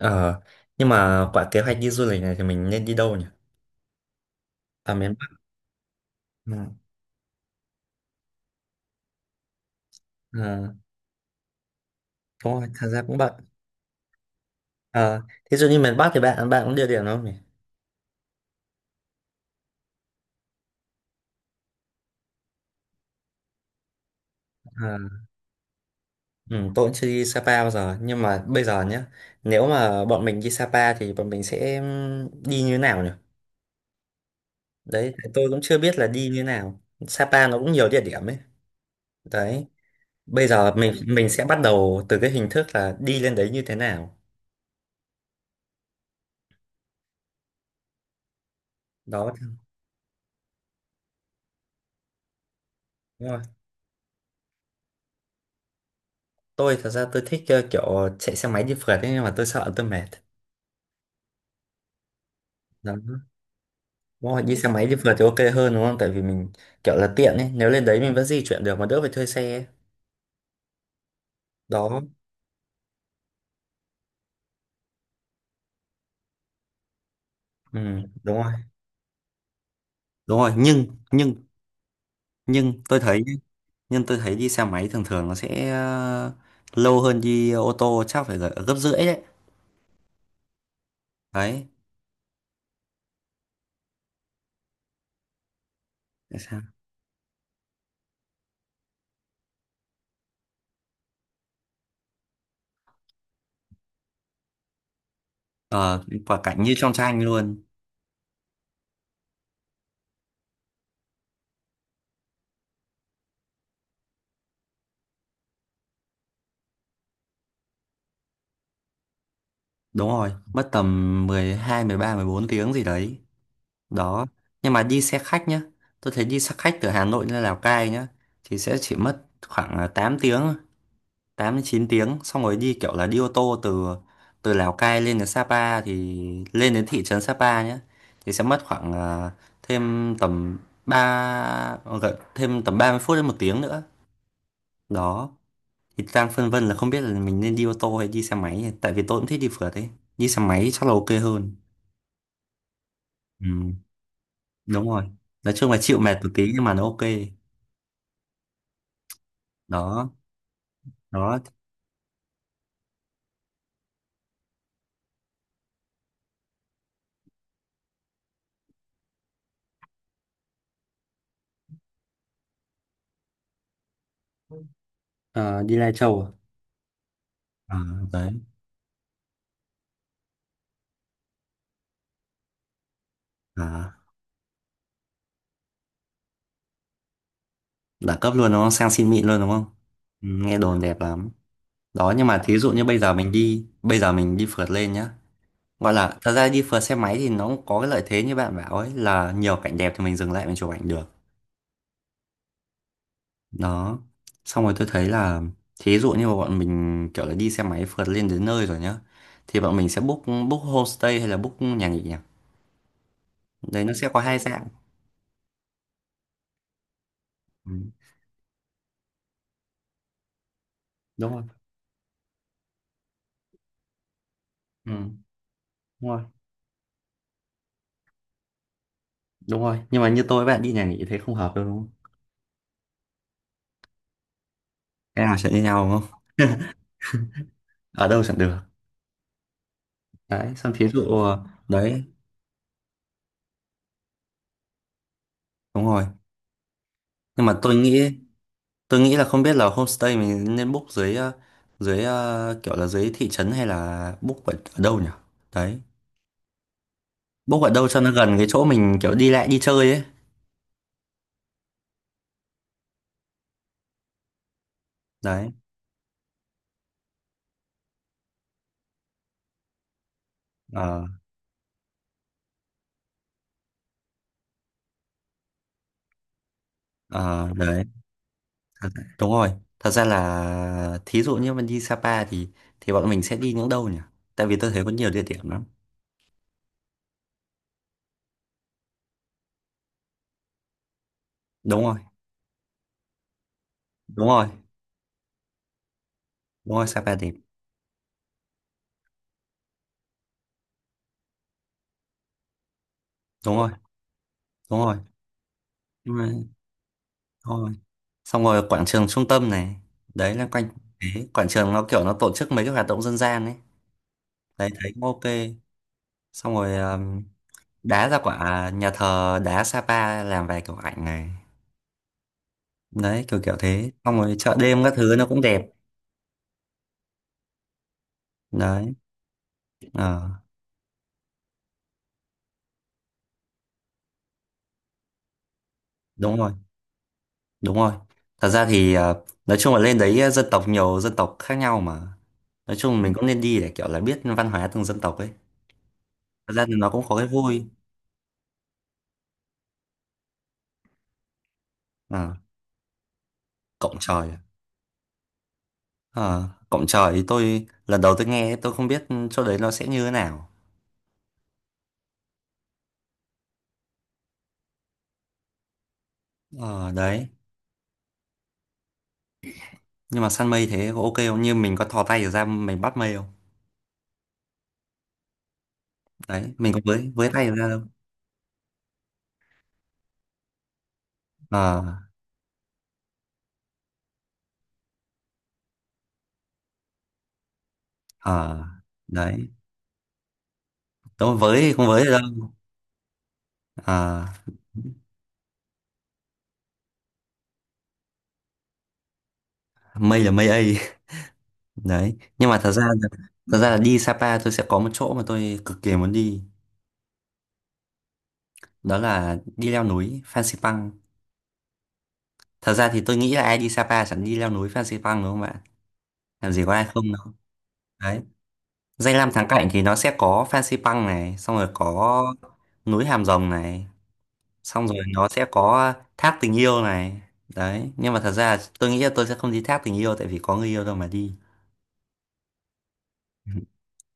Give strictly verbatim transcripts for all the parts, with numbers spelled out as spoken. Ờ, nhưng mà quả kế hoạch đi du lịch này thì mình nên đi đâu nhỉ? À miền Bắc. Ừ. Ờ, đúng rồi, thật ra cũng bận. Ờ, thí dụ như miền Bắc thì bạn bạn cũng địa điểm đúng không nhỉ? Ờ, ừ, tôi cũng chưa đi Sapa bao giờ, nhưng mà bây giờ nhé, nếu mà bọn mình đi Sapa thì bọn mình sẽ đi như thế nào nhỉ? Đấy, tôi cũng chưa biết là đi như thế nào. Sapa nó cũng nhiều địa điểm ấy. Đấy, bây giờ mình mình sẽ bắt đầu từ cái hình thức là đi lên đấy như thế nào. Đó. Tôi thật ra tôi thích ờ, kiểu chạy xe máy đi phượt ấy, nhưng mà tôi sợ tôi mệt. Đó, đúng rồi đi xe máy đi phượt thì ok hơn đúng không, tại vì mình kiểu là tiện ấy, nếu lên đấy mình vẫn di chuyển được mà đỡ phải thuê xe ấy. Đó, ừ, đúng rồi đúng rồi. Nhưng nhưng nhưng tôi thấy nhá, nhưng tôi thấy đi xe máy thường thường nó sẽ ờ, lâu hơn đi ô tô, chắc phải gỡ- gấp rưỡi đấy. Đấy. Tại sao? Ờ quả cảnh như trong tranh luôn. Đúng rồi, mất tầm mười, mười hai, mười ba, mười bốn tiếng gì đấy. Đó, nhưng mà đi xe khách nhá, tôi thấy đi xe khách từ Hà Nội lên Lào Cai nhá, thì sẽ chỉ mất khoảng là tám tiếng, tám đến chín tiếng, xong rồi đi kiểu là đi ô tô từ từ Lào Cai lên đến Sapa thì lên đến thị trấn Sapa nhá thì sẽ mất khoảng à, thêm tầm ba gần thêm tầm ba mươi phút đến một tiếng nữa. Đó, thì đang phân vân là không biết là mình nên đi ô tô hay đi xe máy, tại vì tôi cũng thích đi phượt ấy, đi xe máy chắc là ok hơn. Ừ, đúng rồi, nói chung là chịu mệt một tí nhưng mà nó ok. Đó. Đó. Ờ, đi Lai Châu à? À, đấy, à, đẳng cấp luôn đúng không, sang xin mịn luôn đúng không. Ừ, nghe đồn đẹp lắm. Đó, nhưng mà thí dụ như bây giờ mình đi, bây giờ mình đi phượt lên nhá, gọi là thật ra đi phượt xe máy thì nó cũng có cái lợi thế như bạn bảo ấy là nhiều cảnh đẹp thì mình dừng lại mình chụp ảnh được. Đó, xong rồi tôi thấy là thí dụ như bọn mình kiểu là đi xe máy phượt lên đến nơi rồi nhá, thì bọn mình sẽ book, book homestay hay là book nhà nghỉ nhỉ? Đấy nó sẽ có hai dạng. Ừ, đúng rồi. Ừ. Đúng rồi. Đúng rồi, nhưng mà như tôi với bạn đi nhà nghỉ thế không hợp đâu đúng không. Cái nào sẽ như nhau đúng không. Ở đâu chẳng được. Đấy, xong thí dụ ờ, đấy. Đúng rồi, nhưng mà tôi nghĩ tôi nghĩ là không biết là homestay mình nên book dưới ờ, dưới ờ, kiểu là dưới thị trấn hay là book ở, ở đâu nhỉ. Đấy, book ở đâu cho nó gần cái chỗ mình kiểu đi lại đi chơi ấy. Đấy. Ờ. Ờ, đấy. Thật- đúng rồi, thật ra là thí dụ như mình đi Sapa thì thì bọn mình sẽ đi những đâu nhỉ, tại vì tôi thấy có nhiều địa điểm lắm. Đúng rồi. Đúng rồi. Đúng rồi, Sapa thì đúng rồi đúng rồi nhưng mà đúng rồi, xong rồi quảng trường trung tâm này, đấy là quanh cái quảng trường nó kiểu nó tổ chức mấy cái hoạt động dân gian ấy. Đấy thấy cũng ok. Xong rồi um, đá ra quả nhà thờ đá Sapa làm vài kiểu ảnh này. Đấy kiểu kiểu thế, xong rồi chợ đêm các thứ nó cũng đẹp. Đấy. Ờ, đúng rồi đúng rồi. Thật ra thì ờ, nói chung là lên đấy ờ, dân tộc nhiều dân tộc khác nhau mà, nói chung mình cũng nên đi để kiểu là biết văn hóa từng dân tộc ấy. Thật ra thì nó cũng có cái vui. Ờ, cộng trời à. Ờ, cổng trời thì tôi lần đầu tôi nghe tôi không biết chỗ đấy nó sẽ như thế nào. Ờ, đấy. Nhưng mà săn mây thế có ok không? Như mình có thò tay ra mình bắt mây không? Đấy, mình có với với tay ra đâu. Ờ, ờ, đấy. Tôi với thì không với được đâu. Ờ, mây là mây ấy. Đấy. Nhưng mà thật ra là, thật ra là đi Sapa tôi sẽ có một chỗ mà tôi cực kỳ muốn đi. Đó là đi leo núi Phan Xipang. Thật ra thì tôi nghĩ là ai đi Sapa chẳng đi leo núi Phan Xipang đúng không bạn? Làm gì có ai không đâu. Đấy. Danh lam thắng cảnh thì nó sẽ có Fansipan Pang này, xong rồi có núi Hàm Rồng này, xong rồi nó sẽ có thác tình yêu này. Đấy, nhưng mà thật ra tôi nghĩ là tôi sẽ không đi thác tình yêu tại vì có người yêu đâu mà đi.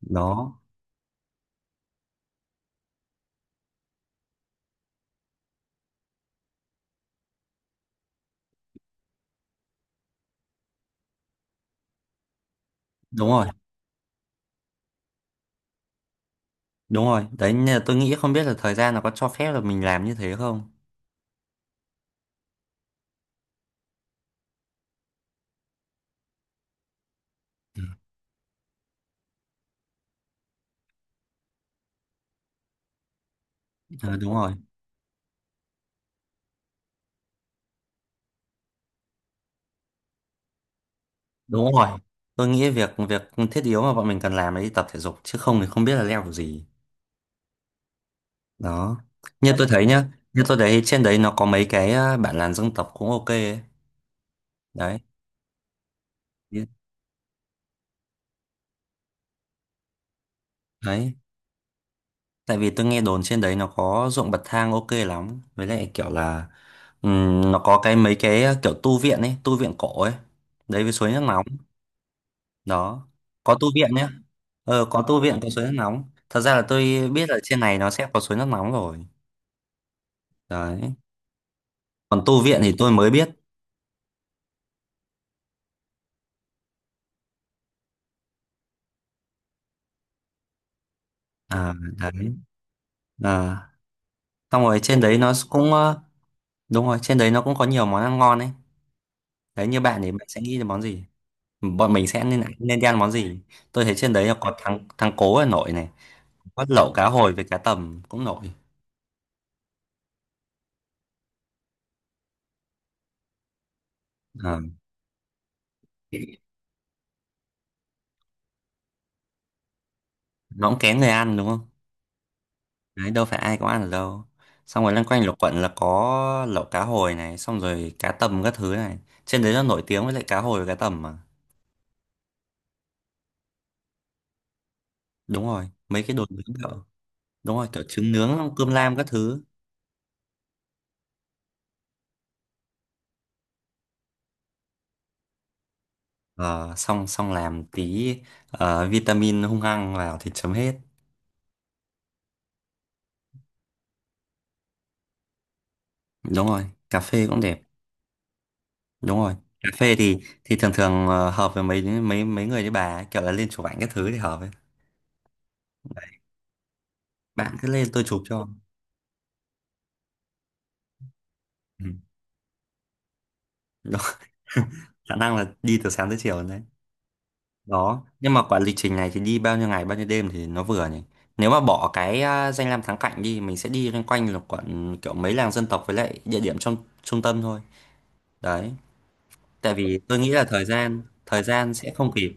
Đó, đúng rồi, đúng rồi. Đấy, nên là tôi nghĩ không biết là thời gian nó có cho phép là mình làm như thế không. Ờ, đúng rồi, đúng rồi. Tôi nghĩ việc việc thiết yếu mà bọn mình cần làm là đi tập thể dục chứ không thì không biết là leo kiểu gì. Đó. Như tôi thấy nhá, như tôi thấy trên đấy nó có mấy cái ờ, bản làn dân tộc cũng ok ấy. Đấy. Biết. Đấy, tại vì tôi nghe đồn trên đấy nó có ruộng bậc thang ok lắm, với lại kiểu là ừm, nó có cái mấy cái à, kiểu tu viện ấy, tu viện cổ ấy, đấy với suối nước nóng. Đó, có tu viện nhé, ờ có tu viện, có suối nước nóng. Thật ra là tôi biết là trên này nó sẽ có suối nước nóng rồi, đấy, còn tu viện thì tôi mới biết. À đấy, à, xong rồi trên đấy nó cũng ờ, đúng rồi, trên đấy nó cũng có nhiều món ăn ngon ấy. Đấy, như bạn thì bạn sẽ nghĩ đến món gì? Bọn mình sẽ nên nên đi ăn món gì? Tôi thấy trên đấy là có thắng thắng cố ở nổi này, có lẩu cá hồi với cá tầm cũng nổi. Ờ, nó cũng kén người ăn đúng không. Đấy, đâu phải ai cũng ăn được đâu. Xong rồi loanh quanh lục quận là có lẩu cá hồi này, xong rồi cá tầm các thứ này, trên đấy nó nổi tiếng với lại cá hồi và cá tầm mà. Đúng rồi, mấy cái đồ nướng kiểu đúng rồi kiểu trứng nướng cơm lam các thứ. Ờ, xong xong làm tí ờ, vitamin hung hăng vào thì chấm hết. Đúng rồi cà phê cũng đẹp. Đúng rồi, cà phê thì thì thường thường ờ, hợp với mấy mấy mấy người như bà ấy, kiểu là lên chụp ảnh các thứ thì hợp ấy. Bạn cứ lên tôi chụp cho. Ừ. Đó. Khả năng là đi từ sáng tới chiều đấy. Đó, nhưng mà quả lịch trình này thì đi bao nhiêu ngày bao nhiêu đêm thì nó vừa nhỉ? Nếu mà bỏ cái à, danh lam thắng cảnh đi, mình sẽ đi loanh quanh là quận kiểu mấy làng dân tộc với lại địa điểm trong trung tâm thôi. Đấy, tại vì tôi nghĩ là thời gian thời gian sẽ không kịp.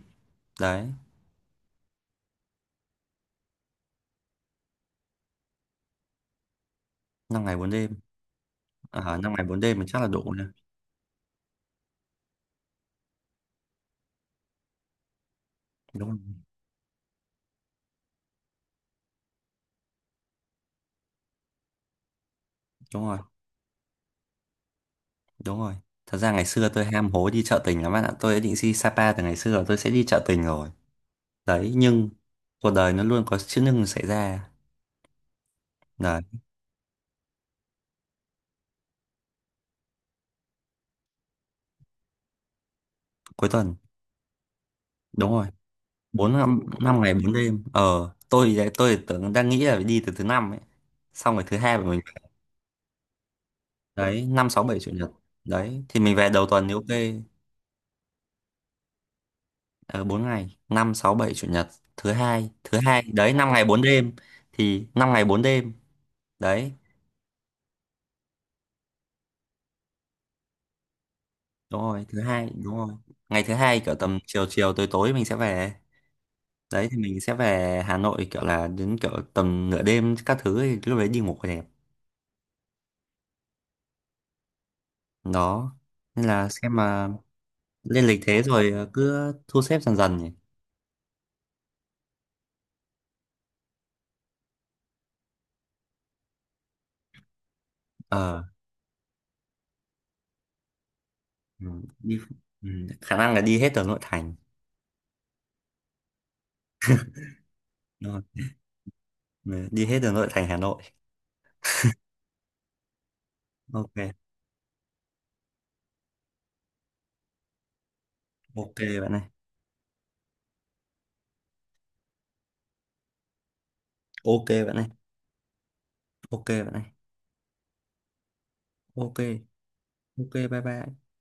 Đấy. Năm ngày bốn đêm. À, năm ngày bốn đêm mình chắc là đủ nhỉ. Đúng rồi, đúng rồi. Đúng rồi. Thật ra ngày xưa tôi ham hố đi chợ tình lắm bạn ạ. Tôi đã định đi Sapa từ ngày xưa rồi tôi sẽ đi chợ tình rồi. Đấy, nhưng cuộc đời nó luôn có chữ nhưng xảy ra. Đấy, cuối tuần. Đúng rồi. Bốn năm, năm ngày bốn đêm. Ờ, tôi đấy, tôi tưởng đang nghĩ là phải đi từ thứ năm ấy. Xong rồi thứ hai của mình về. Đấy, năm sáu bảy chủ nhật. Đấy, thì mình về đầu tuần thì ok. Ờ, bốn ngày. Năm sáu bảy chủ nhật. Thứ hai. Thứ hai. Đấy, năm ngày bốn đêm. Thì năm ngày bốn đêm. Đấy, đúng rồi thứ hai đúng rồi, ngày thứ hai kiểu tầm chiều chiều tối tối mình sẽ về. Đấy, thì mình sẽ về Hà Nội kiểu là đến kiểu tầm nửa đêm các thứ thì lúc đấy đi ngủ còn đẹp. Đó, nên là xem mà lên lịch thế rồi ờ, cứ thu xếp dần dần nhỉ. Ờ. Ừ, đi ừ, khả năng là đi hết ở nội thành. Đúng rồi. Ừ, đi hết ở nội thành Hà Nội. Ok, ok bạn này. Ok bạn này. Ok bạn này. Ok. Ok, bye bye.